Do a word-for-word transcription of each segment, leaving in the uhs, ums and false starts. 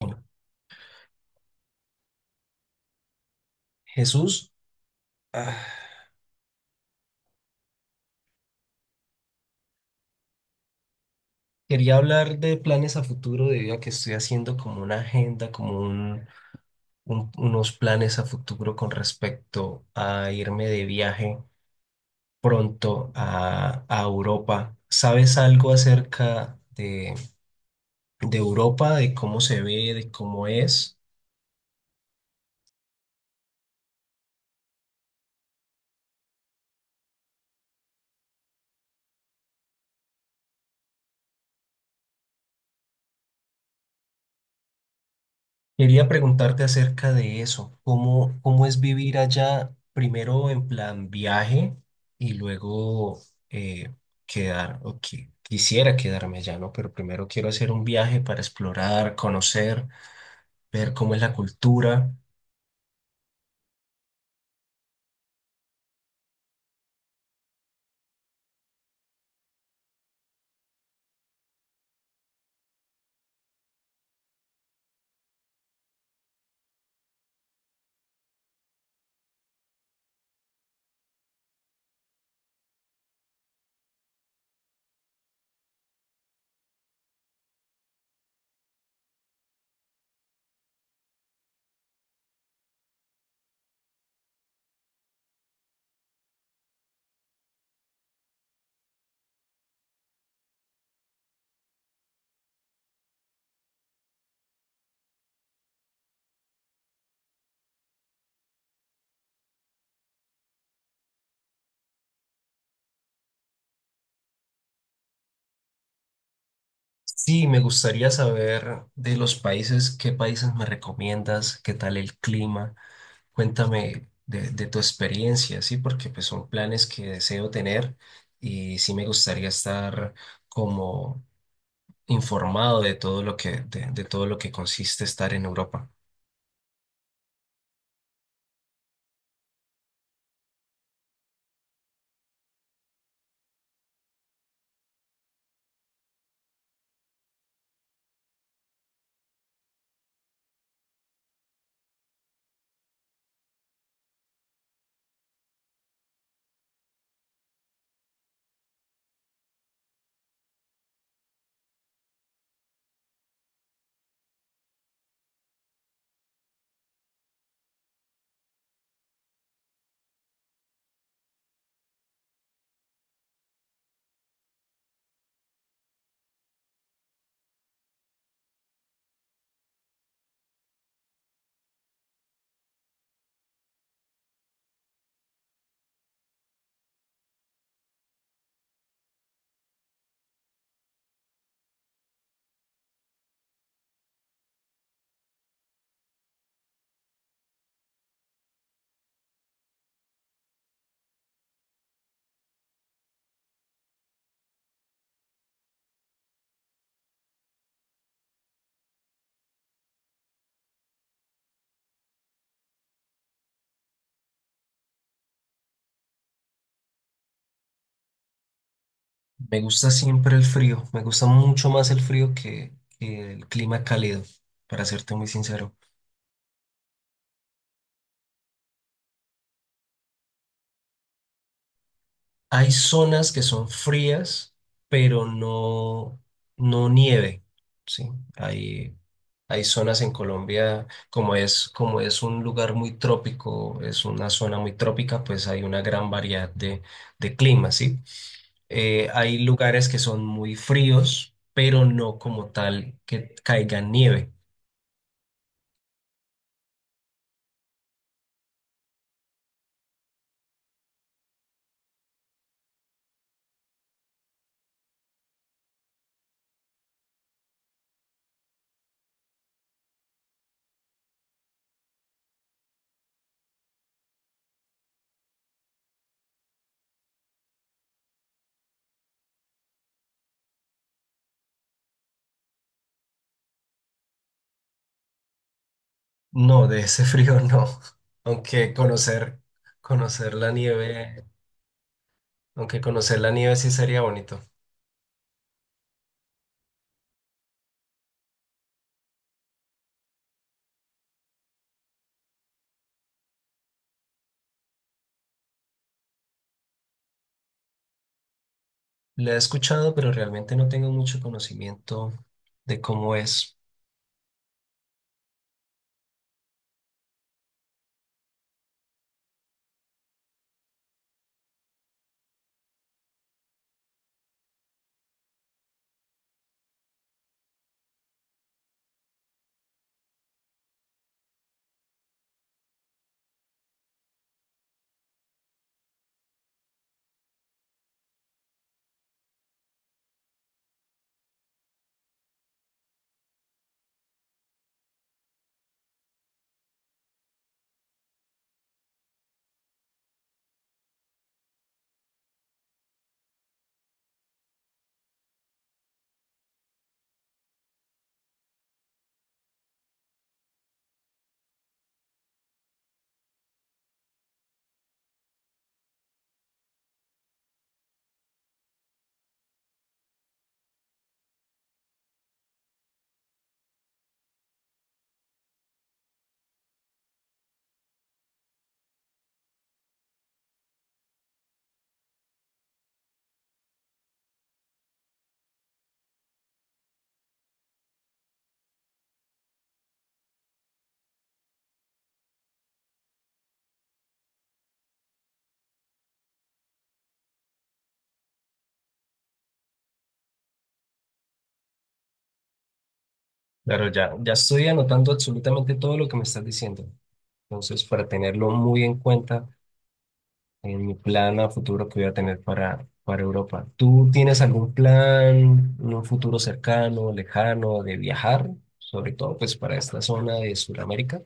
Bueno, Jesús, ah, quería hablar de planes a futuro debido a que estoy haciendo como una agenda, como un- un- unos planes a futuro con respecto a irme de viaje pronto a, a Europa. ¿Sabes algo acerca de, de Europa, de cómo se ve, de cómo es? Quería preguntarte acerca de eso, ¿cómo, cómo es vivir allá primero en plan viaje y luego eh, quedar, o qui- quisiera quedarme allá, ¿no? Pero primero quiero hacer un viaje para explorar, conocer, ver cómo es la cultura. Sí, me gustaría saber de los países, qué países me recomiendas, qué tal el clima. Cuéntame de, de tu experiencia, ¿sí? Porque pues son planes que deseo tener y sí me gustaría estar como informado de todo lo que, de, de todo lo que consiste estar en Europa. Me gusta siempre el frío, me gusta mucho más el frío que, que el clima cálido, para serte muy sincero. Hay zonas que son frías, pero no, no nieve, ¿sí? Hay, hay zonas en Colombia, como es, como es un lugar muy trópico, es una zona muy trópica, pues hay una gran variedad de, de climas, ¿sí? Eh, hay lugares que son muy fríos, pero no como tal que caiga nieve. No, de ese frío no. Aunque conocer, conocer la nieve, aunque conocer la nieve sí sería bonito. La he escuchado, pero realmente no tengo mucho conocimiento de cómo es. Claro, ya, ya estoy anotando absolutamente todo lo que me estás diciendo. Entonces, para tenerlo muy en cuenta en mi plan a futuro que voy a tener para, para Europa. ¿Tú tienes algún plan en un futuro cercano, lejano, de viajar? Sobre todo, pues, para esta zona de Sudamérica.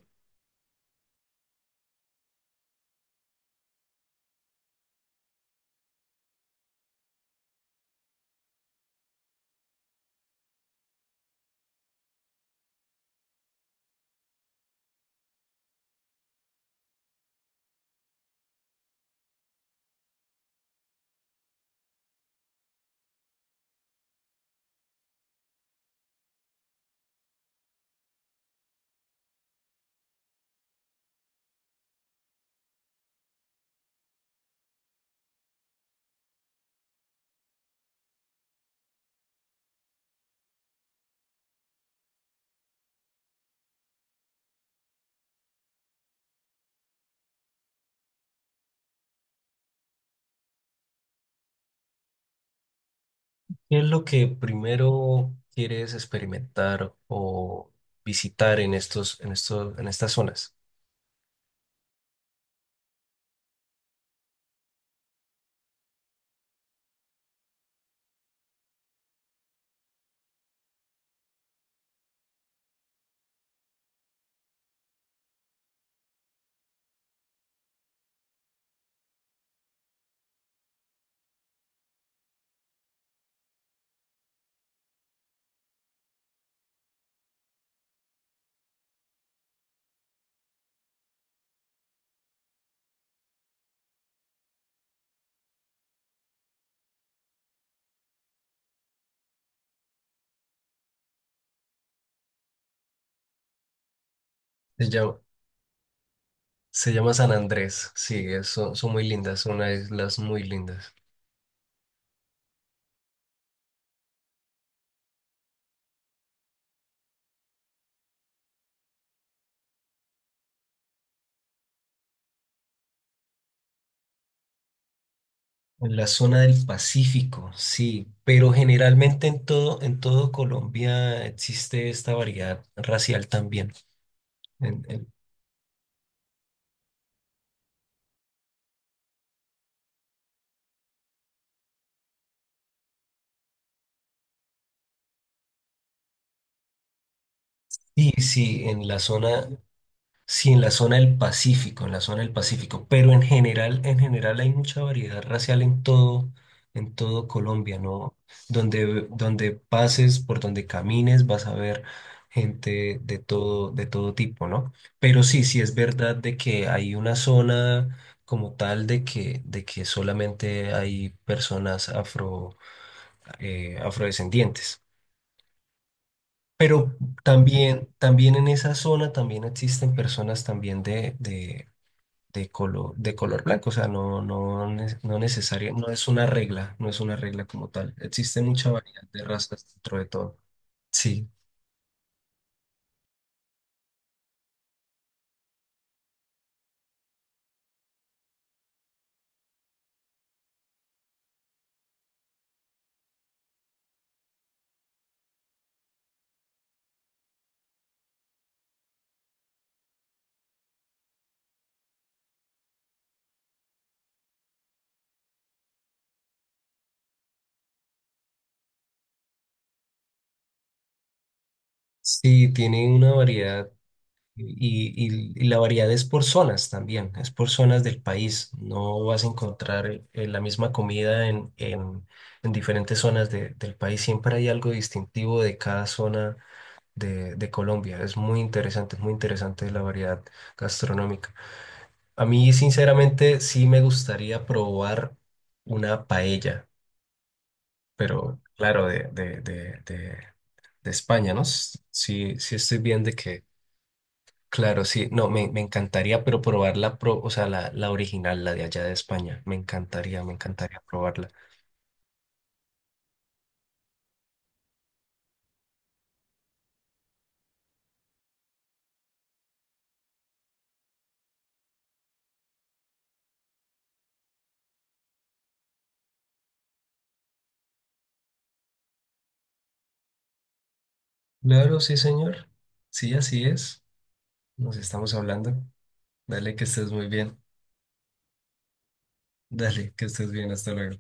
¿Qué es lo que primero quieres experimentar o visitar en estos, en estos, en estas zonas? Pues ya, se llama San Andrés, sí, es- son, son muy lindas, son unas islas muy lindas. En la zona del Pacífico, sí, pero generalmente en todo, en todo Colombia existe esta variedad racial también. En, en- sí, sí, en la zona, sí, en la zona del Pacífico, en la zona del Pacífico, pero en general, en general hay mucha variedad racial en todo, en todo Colombia, ¿no? Donde, donde pases, por donde camines, vas a ver gente de todo, de todo tipo, ¿no? Pero sí, sí es verdad de que hay una zona como tal de que, de que solamente hay personas afro, eh, afrodescendientes. Pero también, también en esa zona también existen personas también de, de de color, de color blanco, o sea, no, no, ne- no necesaria, no es una regla, no es una regla como tal. Existe mucha variedad de razas dentro de todo. Sí, sí, tiene una variedad y, y- y la variedad es por zonas también, es por zonas del país. No vas a encontrar eh, eh, la misma comida en, en, en diferentes zonas de- del país. Siempre hay algo distintivo de cada zona de, de Colombia. Es muy interesante, es muy interesante la variedad gastronómica. A mí, sinceramente, sí me gustaría probar una paella, pero claro, de, de, de, de, de España, ¿no? S- Sí, sí estoy bien de que, claro, sí, no, me, me encantaría, pero probar la, pro, o sea, la, la original, la de allá de España, me encantaría, me encantaría probarla. Claro, sí, señor. Sí, así es. Nos estamos hablando. Dale, que estés muy bien. Dale, que estés bien. Hasta luego.